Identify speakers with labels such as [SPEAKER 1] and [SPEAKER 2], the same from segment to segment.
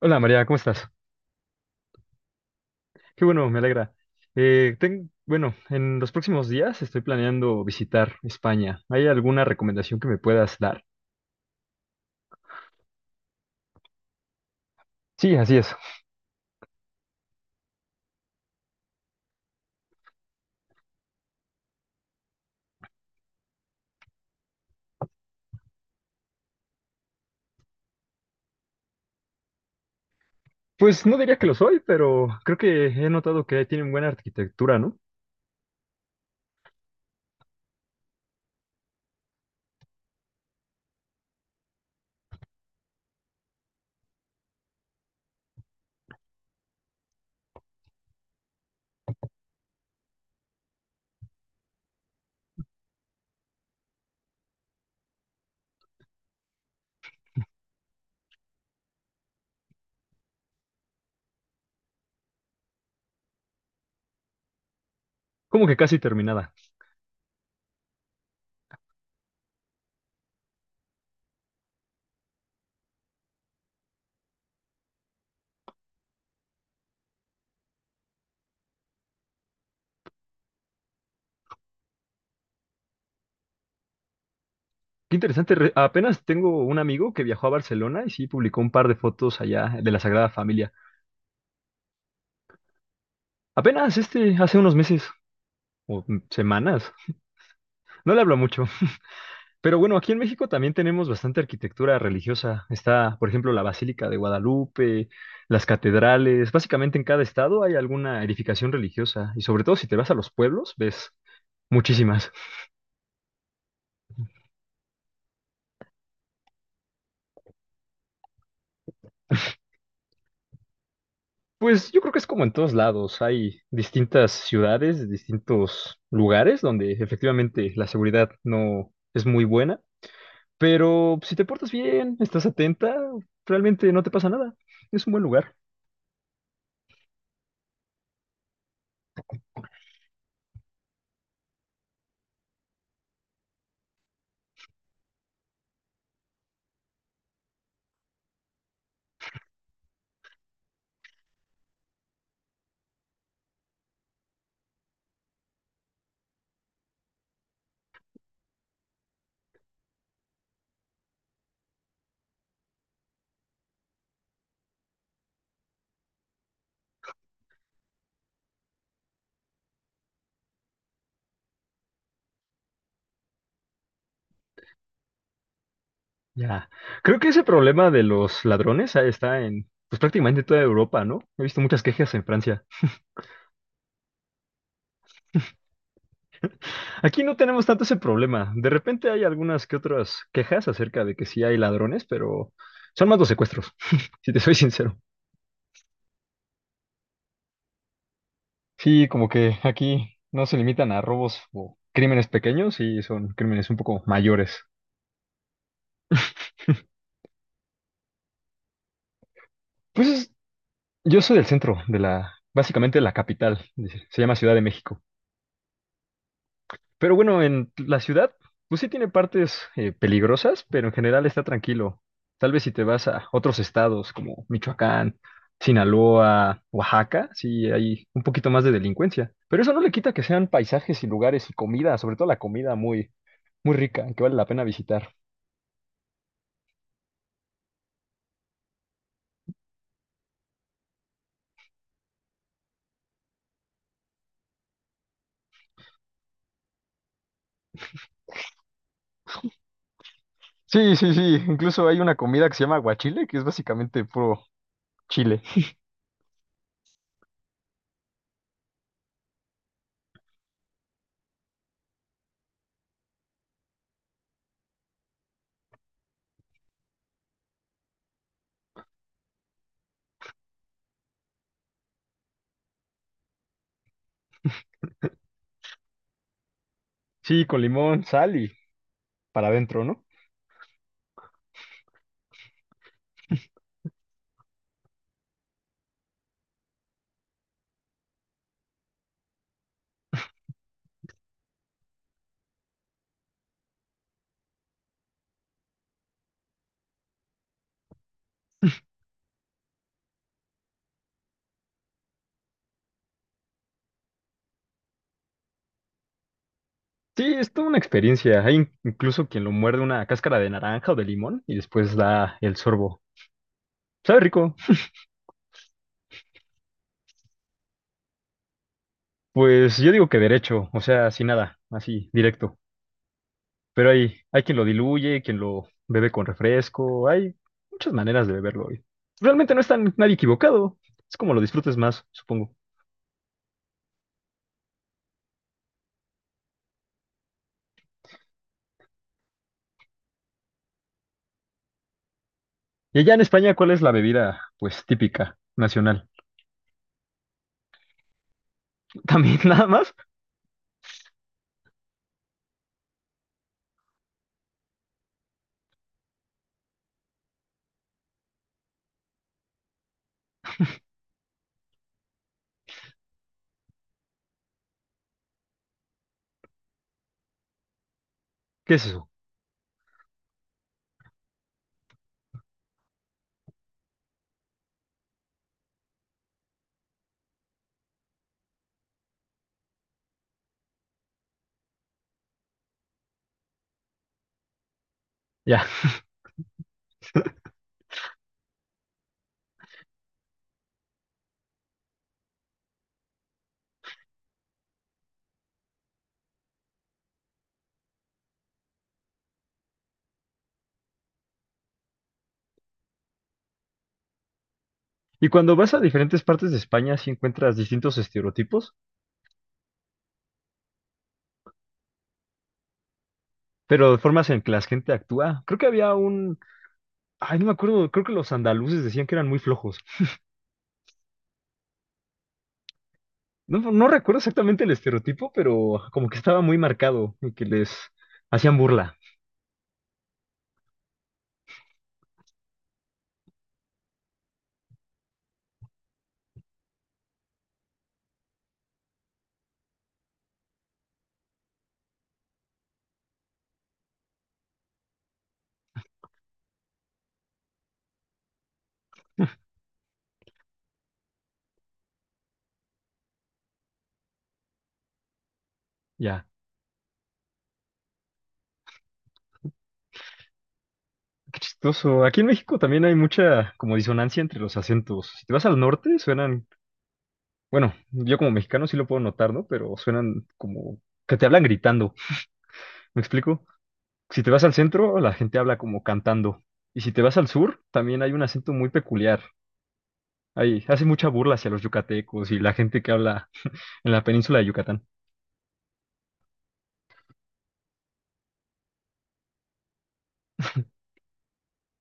[SPEAKER 1] Hola María, ¿cómo estás? Qué bueno, me alegra. Bueno, en los próximos días estoy planeando visitar España. ¿Hay alguna recomendación que me puedas dar? Sí, así es. Pues no diría que lo soy, pero creo que he notado que tienen buena arquitectura, ¿no? Como que casi terminada. Qué interesante. Apenas tengo un amigo que viajó a Barcelona y sí publicó un par de fotos allá de la Sagrada Familia. Apenas este, hace unos meses o semanas. No le hablo mucho. Pero bueno, aquí en México también tenemos bastante arquitectura religiosa. Está, por ejemplo, la Basílica de Guadalupe, las catedrales. Básicamente en cada estado hay alguna edificación religiosa y sobre todo si te vas a los pueblos, ves muchísimas. Pues yo creo que es como en todos lados. Hay distintas ciudades, distintos lugares donde efectivamente la seguridad no es muy buena, pero si te portas bien, estás atenta, realmente no te pasa nada. Es un buen lugar. Ya. Creo que ese problema de los ladrones está en pues prácticamente toda Europa, ¿no? He visto muchas quejas en Francia. Aquí no tenemos tanto ese problema. De repente hay algunas que otras quejas acerca de que sí hay ladrones, pero son más los secuestros, si te soy sincero. Sí, como que aquí no se limitan a robos o crímenes pequeños, y son crímenes un poco mayores. Pues es- yo soy del centro de la, básicamente de la capital, dice, se llama Ciudad de México. Pero bueno, en la ciudad, pues sí tiene partes peligrosas, pero en general está tranquilo. Tal vez si te vas a otros estados como Michoacán, Sinaloa, Oaxaca, sí hay un poquito más de delincuencia. Pero eso no le quita que sean paisajes y lugares y comida, sobre todo la comida muy, muy rica, que vale la pena visitar. Sí, sí, sí. Incluso hay una comida que se llama aguachile, que es básicamente puro chile. Sí, con limón, sal y para adentro, ¿no? Sí, es toda una experiencia. Hay incluso quien lo muerde una cáscara de naranja o de limón y después da el sorbo. ¿Sabe rico? Pues yo digo que derecho, o sea, sin nada, así, directo. Pero hay quien lo diluye, quien lo bebe con refresco, hay muchas maneras de beberlo hoy. Realmente no está nadie equivocado, es como lo disfrutes más, supongo. Y allá en España, ¿cuál es la bebida, pues, típica, nacional? También nada más, ¿qué es eso? Ya. Y cuando vas a diferentes partes de España, si encuentras distintos estereotipos. Pero de formas en que la gente actúa. Creo que había un... Ay, no me acuerdo, creo que los andaluces decían que eran muy flojos. No, no recuerdo exactamente el estereotipo, pero como que estaba muy marcado y que les hacían burla. Ya, qué chistoso. Aquí en México también hay mucha como disonancia entre los acentos. Si te vas al norte, suenan... Bueno, yo como mexicano sí lo puedo notar, ¿no? Pero suenan como que te hablan gritando. ¿Me explico? Si te vas al centro, la gente habla como cantando. Y si te vas al sur, también hay un acento muy peculiar. Ahí hace mucha burla hacia los yucatecos y la gente que habla en la península de Yucatán.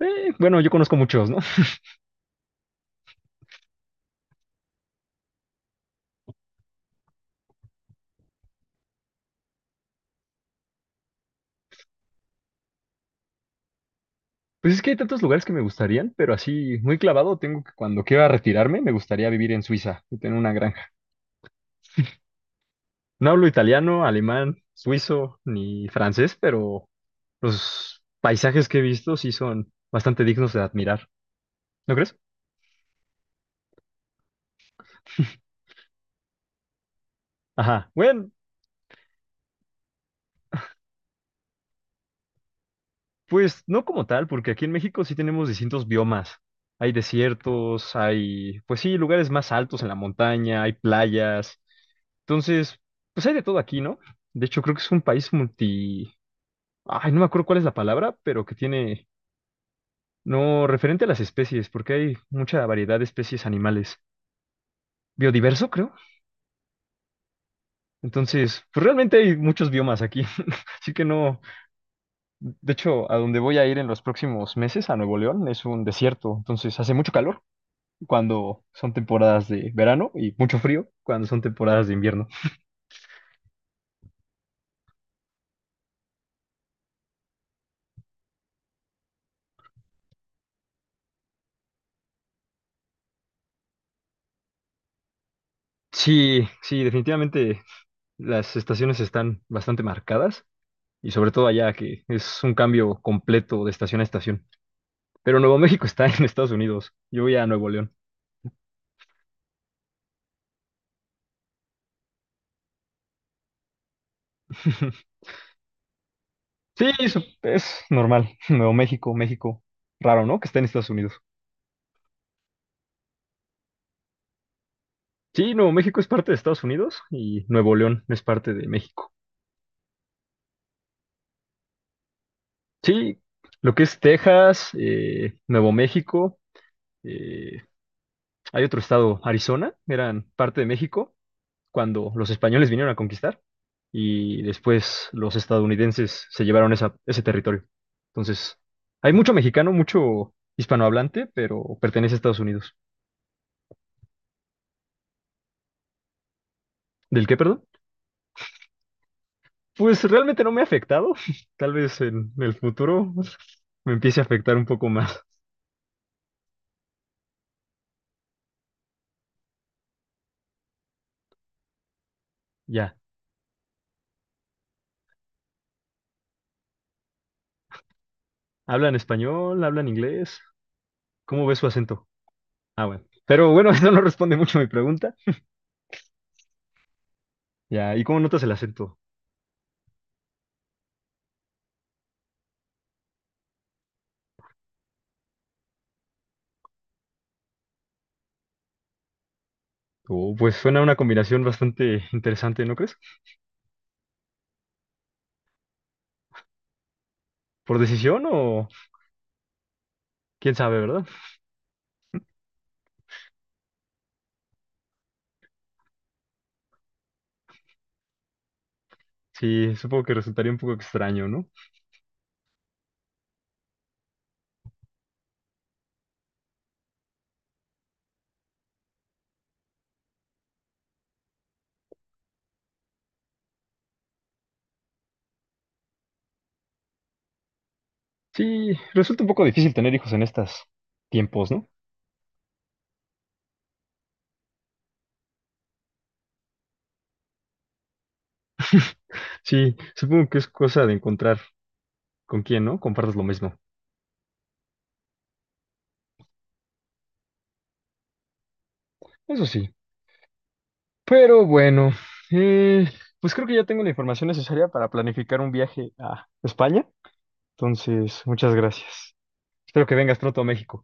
[SPEAKER 1] Bueno, yo conozco muchos, ¿no? Pues es que hay tantos lugares que me gustarían, pero así muy clavado tengo que cuando quiera retirarme me gustaría vivir en Suiza y tener una granja. No hablo italiano, alemán, suizo ni francés, pero los paisajes que he visto sí son bastante dignos de admirar. ¿No crees? Ajá. Bueno, pues no como tal, porque aquí en México sí tenemos distintos biomas. Hay desiertos, hay, pues sí, lugares más altos en la montaña, hay playas. Entonces, pues hay de todo aquí, ¿no? De hecho, creo que es un país multi... Ay, no me acuerdo cuál es la palabra, pero que tiene... No, referente a las especies, porque hay mucha variedad de especies animales. Biodiverso, creo. Entonces, pues realmente hay muchos biomas aquí. Así que no... De hecho, a donde voy a ir en los próximos meses, a Nuevo León, es un desierto. Entonces, hace mucho calor cuando son temporadas de verano y mucho frío cuando son temporadas de invierno. Sí, sí, definitivamente las estaciones están bastante marcadas y sobre todo allá que es un cambio completo de estación a estación. Pero Nuevo México está en Estados Unidos, yo voy a Nuevo León. Sí, eso es normal. Nuevo México, México, raro, ¿no? Que está en Estados Unidos. Sí, Nuevo México es parte de Estados Unidos y Nuevo León es parte de México. Sí, lo que es Texas, Nuevo México, eh, hay otro estado, Arizona, eran parte de México cuando los españoles vinieron a conquistar y después los estadounidenses se llevaron ese territorio. Entonces, hay mucho mexicano, mucho hispanohablante, pero pertenece a Estados Unidos. ¿Del qué, perdón? Pues realmente no me ha afectado. Tal vez en el futuro me empiece a afectar un poco más. Ya. ¿Hablan español? ¿Hablan inglés? ¿Cómo ves su acento? Ah, bueno. Pero bueno, eso no responde mucho a mi pregunta. Ya. ¿Y cómo notas el acento? Oh, pues suena una combinación bastante interesante, ¿no crees? ¿Por decisión o quién sabe, verdad? Sí, supongo que resultaría un poco extraño, ¿no? Sí, resulta un poco difícil tener hijos en estos tiempos, ¿no? Sí, supongo que es cosa de encontrar con quién, ¿no? Compartas lo mismo. Eso sí. Pero bueno, eh, pues creo que ya tengo la información necesaria para planificar un viaje a España. Entonces, muchas gracias. Espero que vengas pronto a México.